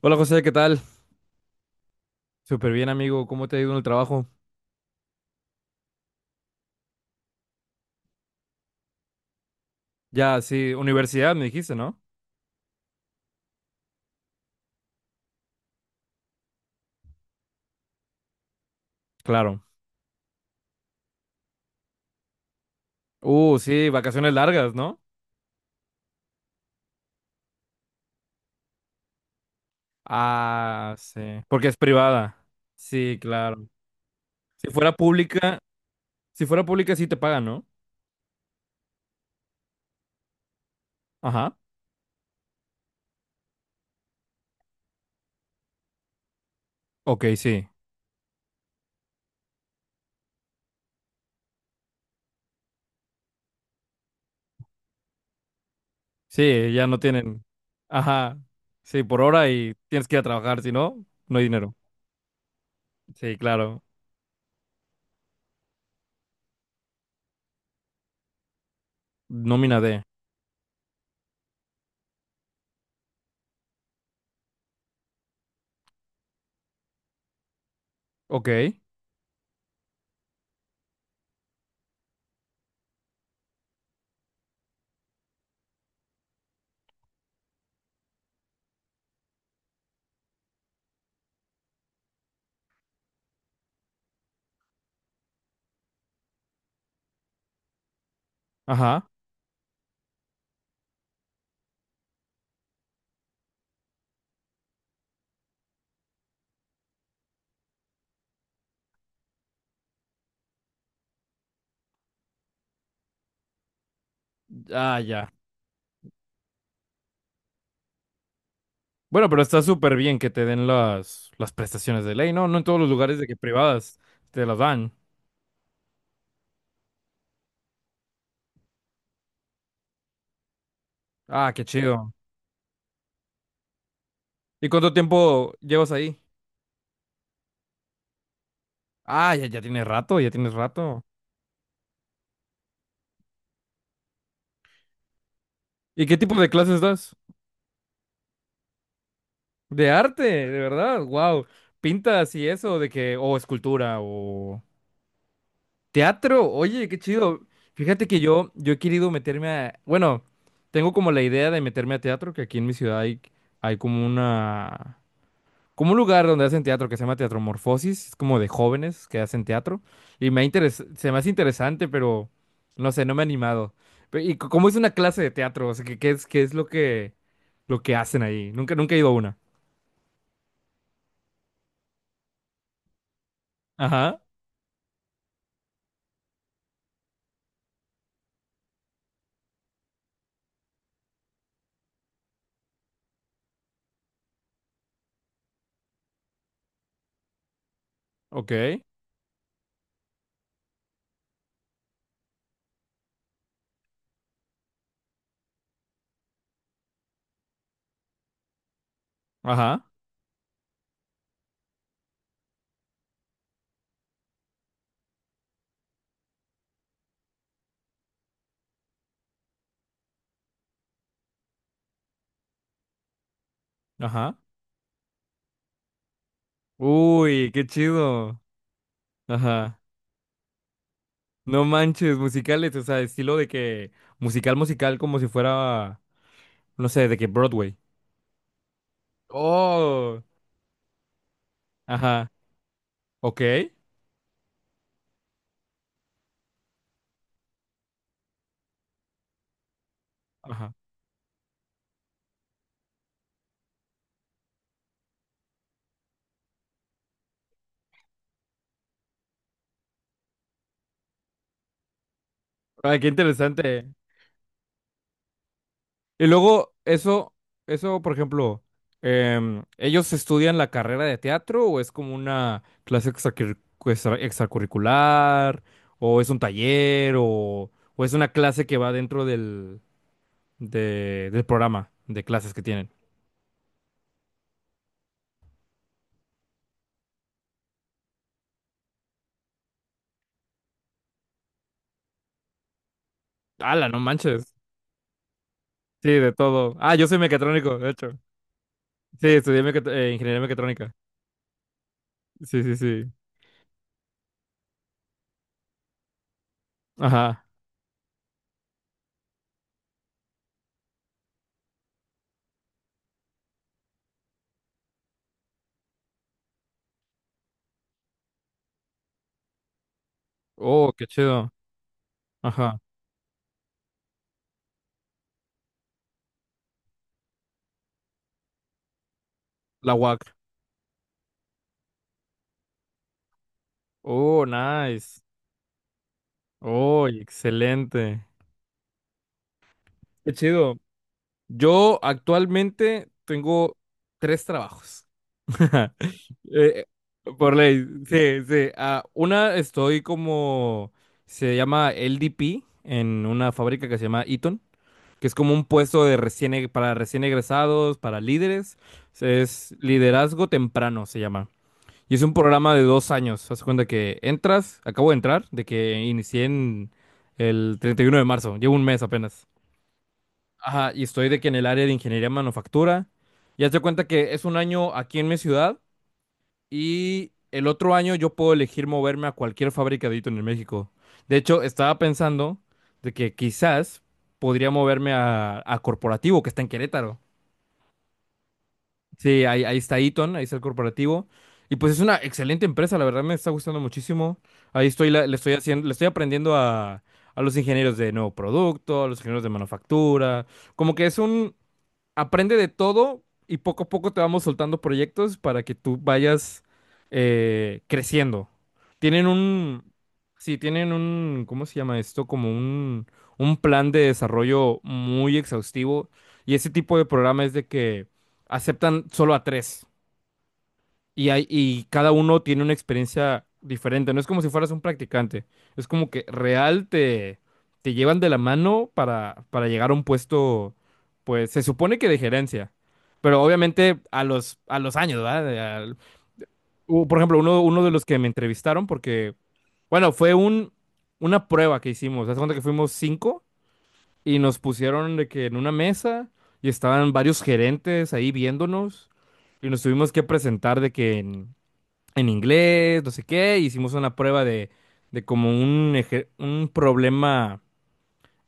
Hola José, ¿qué tal? Súper bien, amigo. ¿Cómo te ha ido en el trabajo? Ya, sí, universidad me dijiste, ¿no? Claro. Sí, vacaciones largas, ¿no? Ah, sí. Porque es privada. Sí, claro. Si fuera pública, si fuera pública sí te pagan, ¿no? Ajá. Ok, sí. Sí, ya no tienen. Ajá. Sí, por hora y tienes que ir a trabajar, si no, no hay dinero. Sí, claro. Nómina de. Ok. Ajá. Ah, ya. Bueno, pero está súper bien que te den las prestaciones de ley, ¿no? No en todos los lugares de que privadas te las dan. Ah, qué chido. ¿Y cuánto tiempo llevas ahí? Ah, ya, ya tienes rato, ya tienes rato. ¿Y qué tipo de clases das? De arte, de verdad, wow. Pintas y eso, de que, o escultura, o teatro, oye, qué chido. Fíjate que yo he querido meterme a, bueno, tengo como la idea de meterme a teatro, que aquí en mi ciudad hay, hay como una como un lugar donde hacen teatro que se llama Teatro Morfosis, es como de jóvenes que hacen teatro, y se me hace interesante, pero no sé, no me ha animado. Cómo es una clase de teatro, o sea, ¿qué, qué es lo que hacen ahí? Nunca, nunca he ido a una. Ajá, ok, ajá, ajá. Uy, qué chido. Ajá. No manches, musicales, o sea, estilo de que musical, musical, como si fuera, no sé, de que Broadway. Oh, ajá, ok, ajá. Ay, qué interesante. Y luego, eso, por ejemplo, ¿ellos estudian la carrera de teatro o es como una clase extracurricular? ¿O es un taller? O es una clase que va dentro del, del programa de clases que tienen? ¡Hala, no manches! Sí, de todo. Ah, yo soy mecatrónico, de hecho. Sí, estudié ingeniería mecatrónica. Sí, sí, sí. Ajá. Oh, qué chido. Ajá. La UAC. Oh, nice. Oh, excelente. Qué chido. Yo actualmente tengo tres trabajos. Eh, por ley, sí, sí. Ah, una estoy como, se llama LDP en una fábrica que se llama Eaton, que es como un puesto de recién, para recién egresados, para líderes. Es liderazgo temprano, se llama. Y es un programa de dos años. Haz cuenta que entras, acabo de entrar, de que inicié en el 31 de marzo, llevo un mes apenas. Ajá, y estoy de que en el área de ingeniería manufactura. Ya te cuenta que es un año aquí en mi ciudad y el otro año yo puedo elegir moverme a cualquier fabricadito en el México. De hecho, estaba pensando de que quizás podría moverme a Corporativo, que está en Querétaro. Sí, ahí, ahí está Eaton, ahí está el corporativo. Y pues es una excelente empresa, la verdad me está gustando muchísimo. Ahí estoy, le estoy haciendo, le estoy aprendiendo a los ingenieros de nuevo producto, a los ingenieros de manufactura. Como que es un, aprende de todo y poco a poco te vamos soltando proyectos para que tú vayas creciendo. Tienen un, sí, tienen un, ¿cómo se llama esto? Como un plan de desarrollo muy exhaustivo y ese tipo de programa es de que aceptan solo a tres. Y, hay, y cada uno tiene una experiencia diferente. No es como si fueras un practicante. Es como que real te, te llevan de la mano para llegar a un puesto, pues se supone que de gerencia. Pero obviamente a los años, ¿verdad? Por ejemplo, uno, uno de los que me entrevistaron porque, bueno, fue un, una prueba que hicimos. Haz de cuenta que fuimos cinco y nos pusieron de que en una mesa y estaban varios gerentes ahí viéndonos y nos tuvimos que presentar de que en inglés, no sé qué, e hicimos una prueba de como un, un problema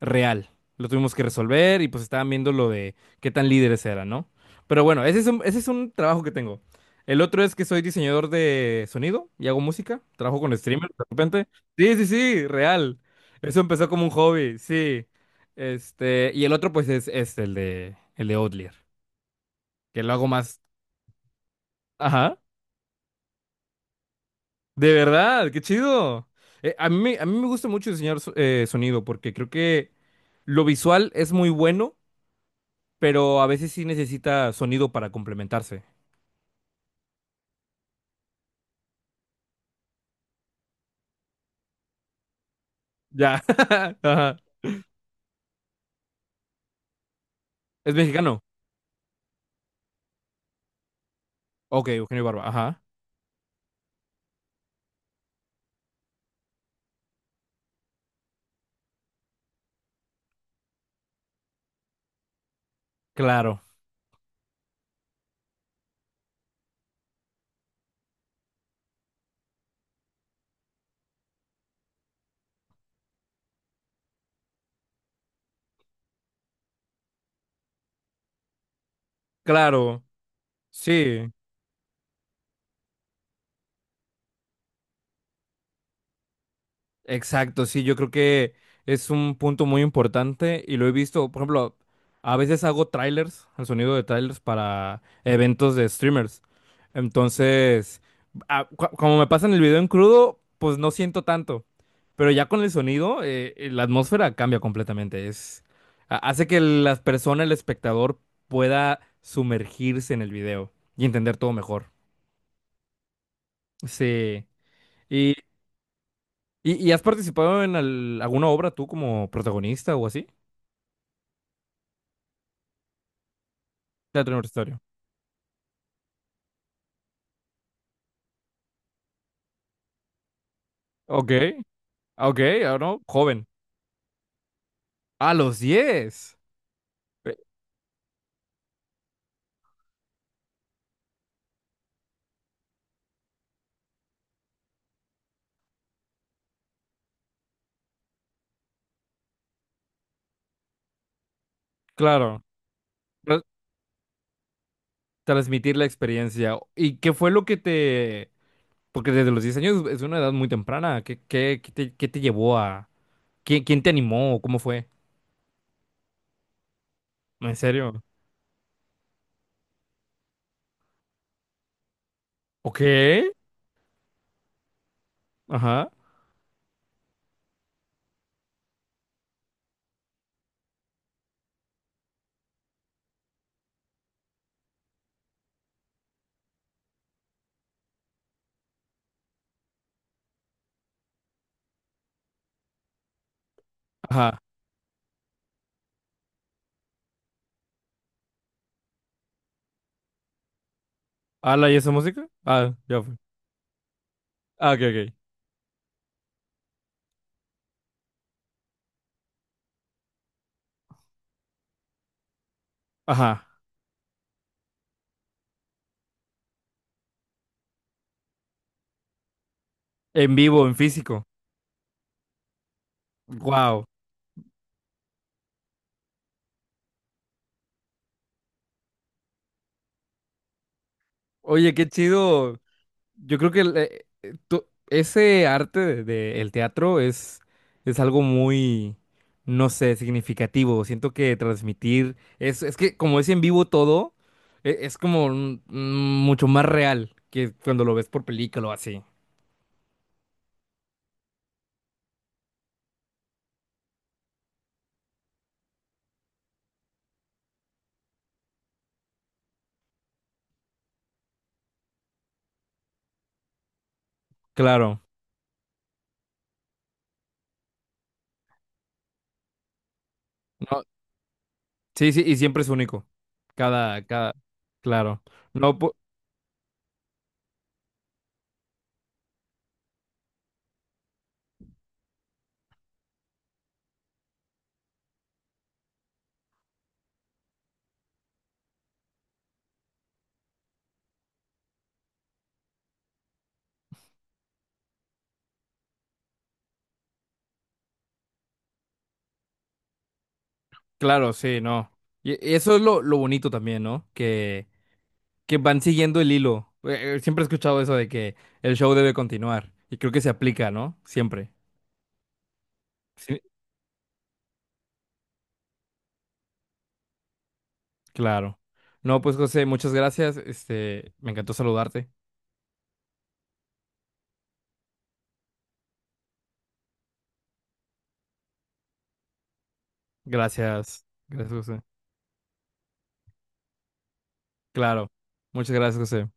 real. Lo tuvimos que resolver y pues estaban viendo lo de qué tan líderes eran, ¿no? Pero bueno, ese es un trabajo que tengo. El otro es que soy diseñador de sonido y hago música. Trabajo con streamers de repente. Sí, sí, sí, real. Eso empezó como un hobby, sí. Este, y el otro pues es el de Outlier, que lo hago más. Ajá. De verdad, qué chido. A mí, a mí me gusta mucho diseñar sonido porque creo que lo visual es muy bueno, pero a veces sí necesita sonido para complementarse. Ya. Ajá. ¿Es mexicano? Ok, Eugenio Barba. Ajá. Claro, claro. Sí. Exacto, sí, yo creo que es un punto muy importante y lo he visto, por ejemplo, a veces hago trailers, el sonido de trailers para eventos de streamers. Entonces, como me pasan el video en crudo, pues no siento tanto, pero ya con el sonido, la atmósfera cambia completamente. Es, hace que las personas, el espectador, pueda sumergirse en el video y entender todo mejor. Sí. Y has participado en alguna obra tú como protagonista o así? Teatro universitario. Ok, ok, ah, no, joven. A los 10, Eh, Claro, tra- transmitir la experiencia. ¿Y qué fue lo que te... Porque desde los 10 años es una edad muy temprana. ¿Qué, qué, qué te llevó a... ¿Quién, quién te animó? ¿Cómo fue? ¿En serio? Ok. Ajá. Ajá. ¿Ala y esa música? Ah, ya fue. Ah, ok, ok. Ajá. En vivo, en físico. Wow. Oye, qué chido. Yo creo que el, ese arte de el teatro es algo muy, no sé, significativo. Siento que transmitir, es que como es en vivo todo, es, como mucho más real que cuando lo ves por película o así. Claro. No, sí, sí, y siempre es único. Cada, cada, claro. No, claro, sí, no. Y eso es lo bonito también, ¿no? Que van siguiendo el hilo. Siempre he escuchado eso de que el show debe continuar y creo que se aplica, ¿no? Siempre. Sí, claro. No, pues José, muchas gracias. Este, me encantó saludarte. Gracias. Gracias, José. Claro. Muchas gracias, José.